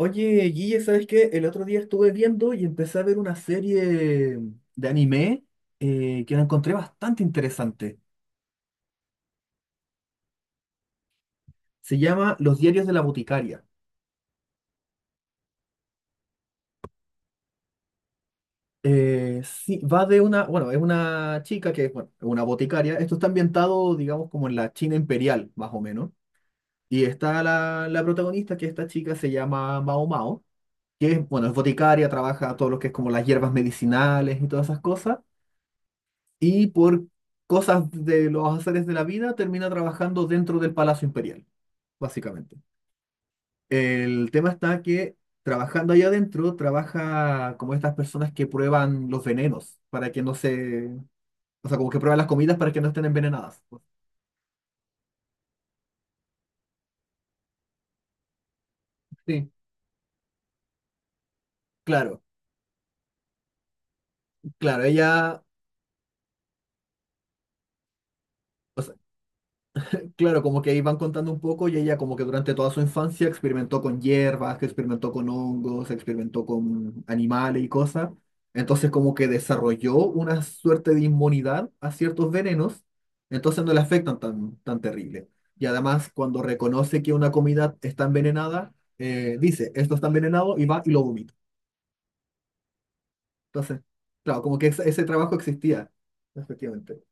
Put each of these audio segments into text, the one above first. Oye, Guille, ¿sabes qué? El otro día estuve viendo y empecé a ver una serie de anime que la encontré bastante interesante. Se llama Los diarios de la boticaria. Sí, va de una, bueno, es una chica que es bueno, es una boticaria. Esto está ambientado, digamos, como en la China imperial, más o menos. Y está la protagonista, que esta chica se llama Mao Mao, que es, bueno, es boticaria, trabaja todo lo que es como las hierbas medicinales y todas esas cosas. Y por cosas de los azares de la vida termina trabajando dentro del Palacio Imperial, básicamente. El tema está que trabajando allá adentro, trabaja como estas personas que prueban los venenos para que no se, o sea, como que prueban las comidas para que no estén envenenadas. Sí, claro, claro, ella, o sea, claro, como que ahí van contando un poco y ella como que durante toda su infancia experimentó con hierbas, que experimentó con hongos, experimentó con animales y cosas. Entonces como que desarrolló una suerte de inmunidad a ciertos venenos, entonces no le afectan tan, tan terrible. Y además cuando reconoce que una comida está envenenada, dice, esto está envenenado y va y lo vomita. Entonces, claro, como que ese trabajo existía, efectivamente.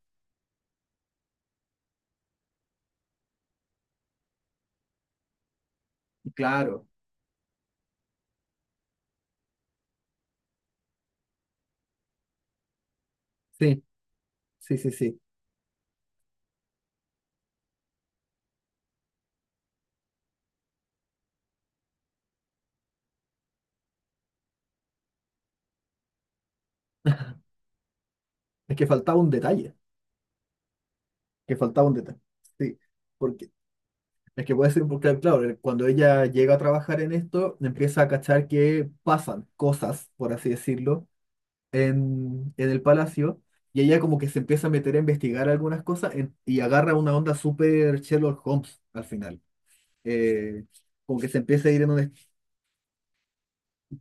Y claro, sí, sí, sí, sí. Es que faltaba un detalle. Que faltaba un detalle. Sí, porque es que puede ser, porque claro, cuando ella llega a trabajar en esto, empieza a cachar que pasan cosas, por así decirlo, en el palacio, y ella como que se empieza a meter a investigar algunas cosas y agarra una onda súper Sherlock Holmes al final. Eh, como que se empieza a ir en un,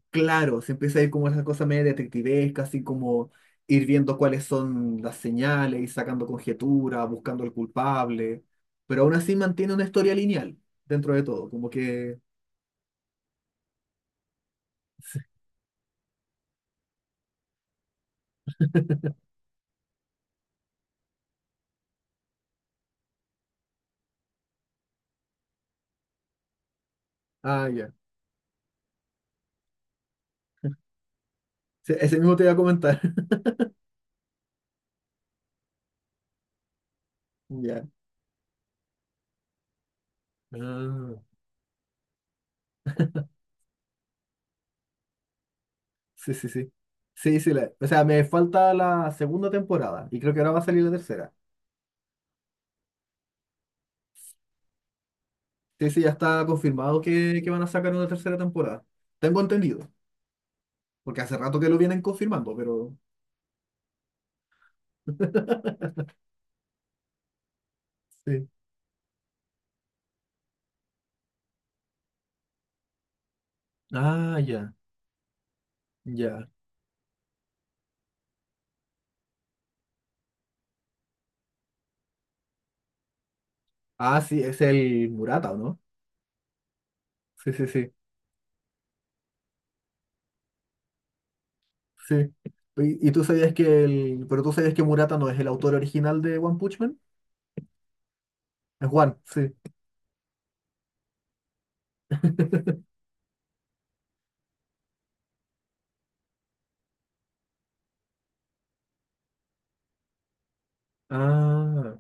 claro, se empieza a ir como esa cosa media detectivesca, así como ir viendo cuáles son las señales, ir sacando conjeturas, buscando al culpable, pero aún así mantiene una historia lineal dentro de todo, como que... Ah, ya. Sí, ese mismo te iba a comentar. Ya. Ah, sí, sí, sí. Sí, sí, o sea, me falta la segunda temporada y creo que ahora va a salir la tercera. Sí, sí, ya está confirmado que van a sacar una tercera temporada. Tengo entendido, porque hace rato que lo vienen confirmando, pero... Sí. Ah, ya, ya. Ah, sí, es el Murata, ¿o no? Sí, sí, sí, sí. ¿Y tú sabías que el, pero tú sabías que Murata no es el autor original de One Punch Man? Es One, sí. Ah,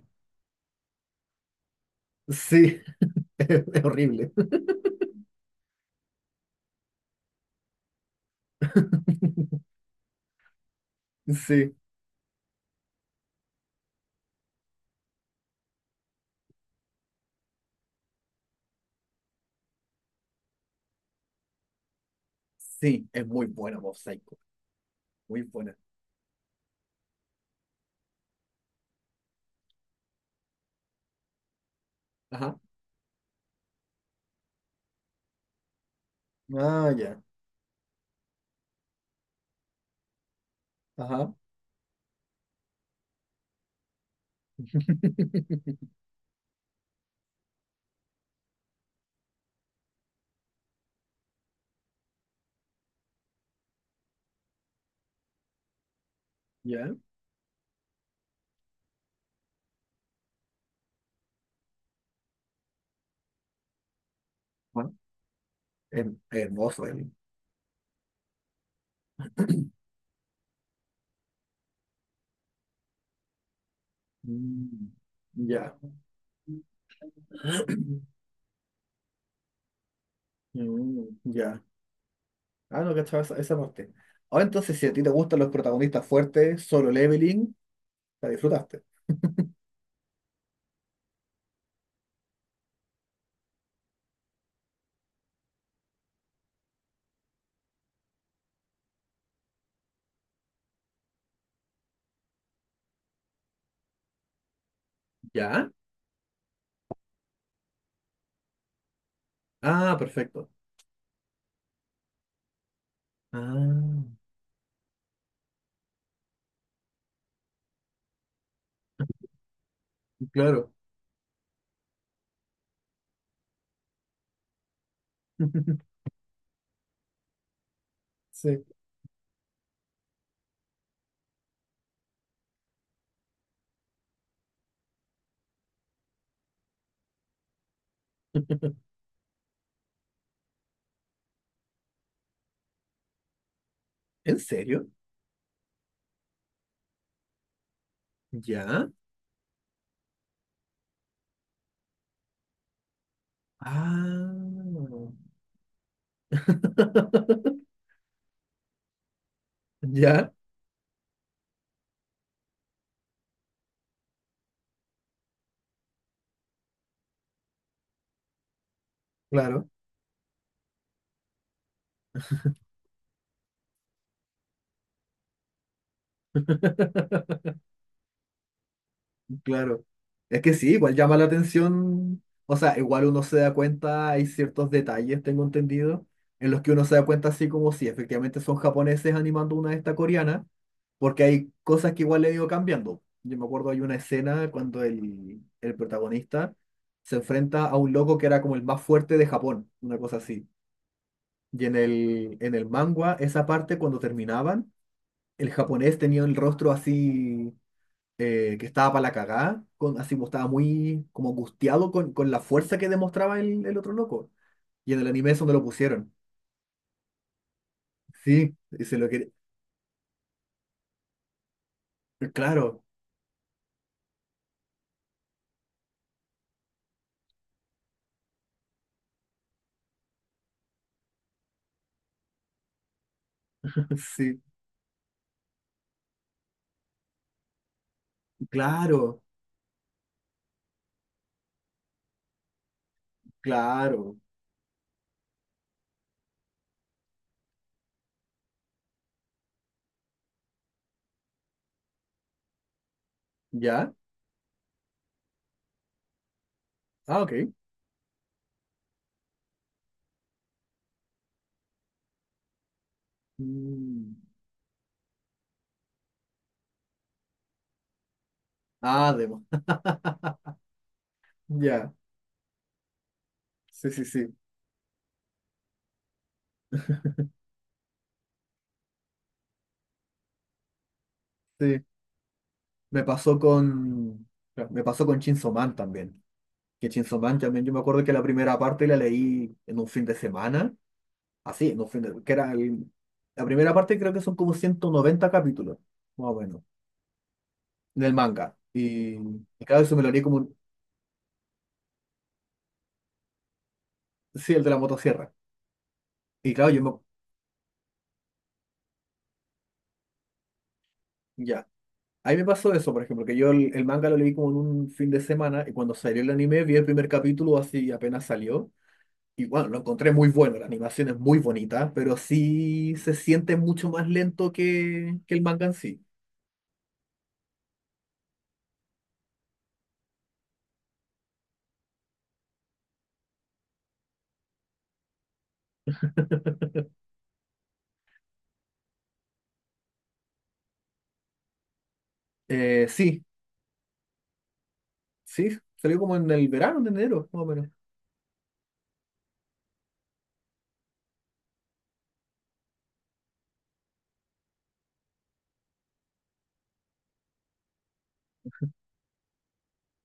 sí, es horrible. Sí, sí, es muy buena Mob Psycho, muy buena. Ajá. Ah, ya, ajá. Ya, ah, hermoso él. Mm, ya. Mm, ya. Ah, no, cachaba esa parte. Ahora entonces, si a ti te gustan los protagonistas fuertes, Solo Leveling, la disfrutaste. ¿Ya? Ah, perfecto. Ah, claro. Sí. ¿En serio? ¿Ya? Ah. ¿Ya? Claro. Claro. Es que sí, igual llama la atención. O sea, igual uno se da cuenta, hay ciertos detalles, tengo entendido, en los que uno se da cuenta así como si efectivamente son japoneses animando una de estas coreanas. Porque hay cosas que igual le he ido cambiando. Yo me acuerdo hay una escena cuando el protagonista se enfrenta a un loco que era como el más fuerte de Japón, una cosa así. Y en el manga, esa parte cuando terminaban, el japonés tenía el rostro así, que estaba para la cagá, con, así como estaba muy como angustiado con la fuerza que demostraba el otro loco. Y en el anime es donde lo pusieron. Sí, y se lo quería. Claro, sí, claro, claro. ¿Ya? Ah, ok. Mm. Ah, demo. Ya. Sí, sí, sí. Sí. Me pasó con. Me pasó con Chainsaw Man también. Que Chainsaw Man también, yo me acuerdo que la primera parte la leí en un fin de semana. Así, en un fin de. Que era la primera parte creo que son como 190 capítulos, más o menos, en el manga. Y claro, eso me lo leí como, sí, el de la motosierra. Y claro, yo me. Ya. Ahí me pasó eso, por ejemplo, que yo el manga lo leí como en un fin de semana y cuando salió el anime vi el primer capítulo así apenas salió. Y bueno, lo encontré muy bueno, la animación es muy bonita, pero sí se siente mucho más lento que el manga en sí. Sí, sí, salió como en el verano, en enero, más o menos.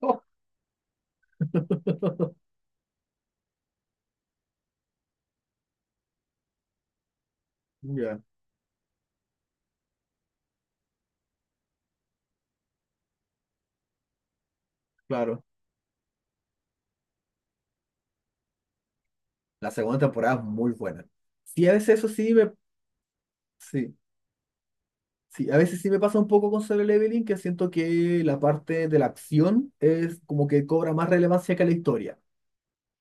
Oh, ya, claro. La segunda temporada es muy buena. Sí, a veces eso sí me... Sí, sí, a veces sí me pasa un poco con Solo Leveling, que siento que la parte de la acción es como que cobra más relevancia que la historia.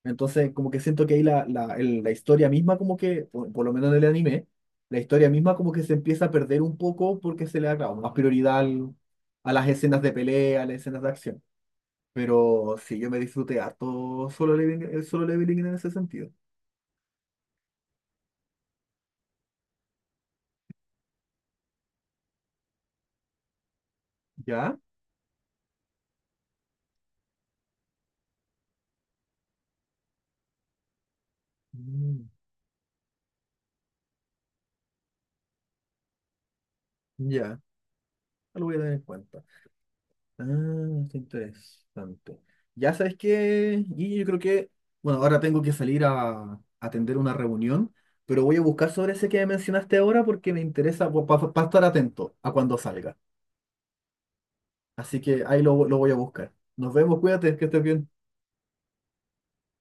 Entonces, como que siento que ahí la historia misma, como que, por lo menos en el anime, la historia misma como que se empieza a perder un poco porque se le da, claro, más prioridad a las escenas de pelea, a las escenas de acción. Pero sí, yo me disfruté harto solo leveling, el solo leveling en ese sentido. ¿Ya? Mm, ya, lo voy a tener en cuenta. Ah, qué interesante. Ya sabes que, y yo creo que, bueno, ahora tengo que salir a atender una reunión, pero voy a buscar sobre ese que mencionaste ahora porque me interesa para estar atento a cuando salga. Así que ahí lo voy a buscar. Nos vemos, cuídate, que estés bien.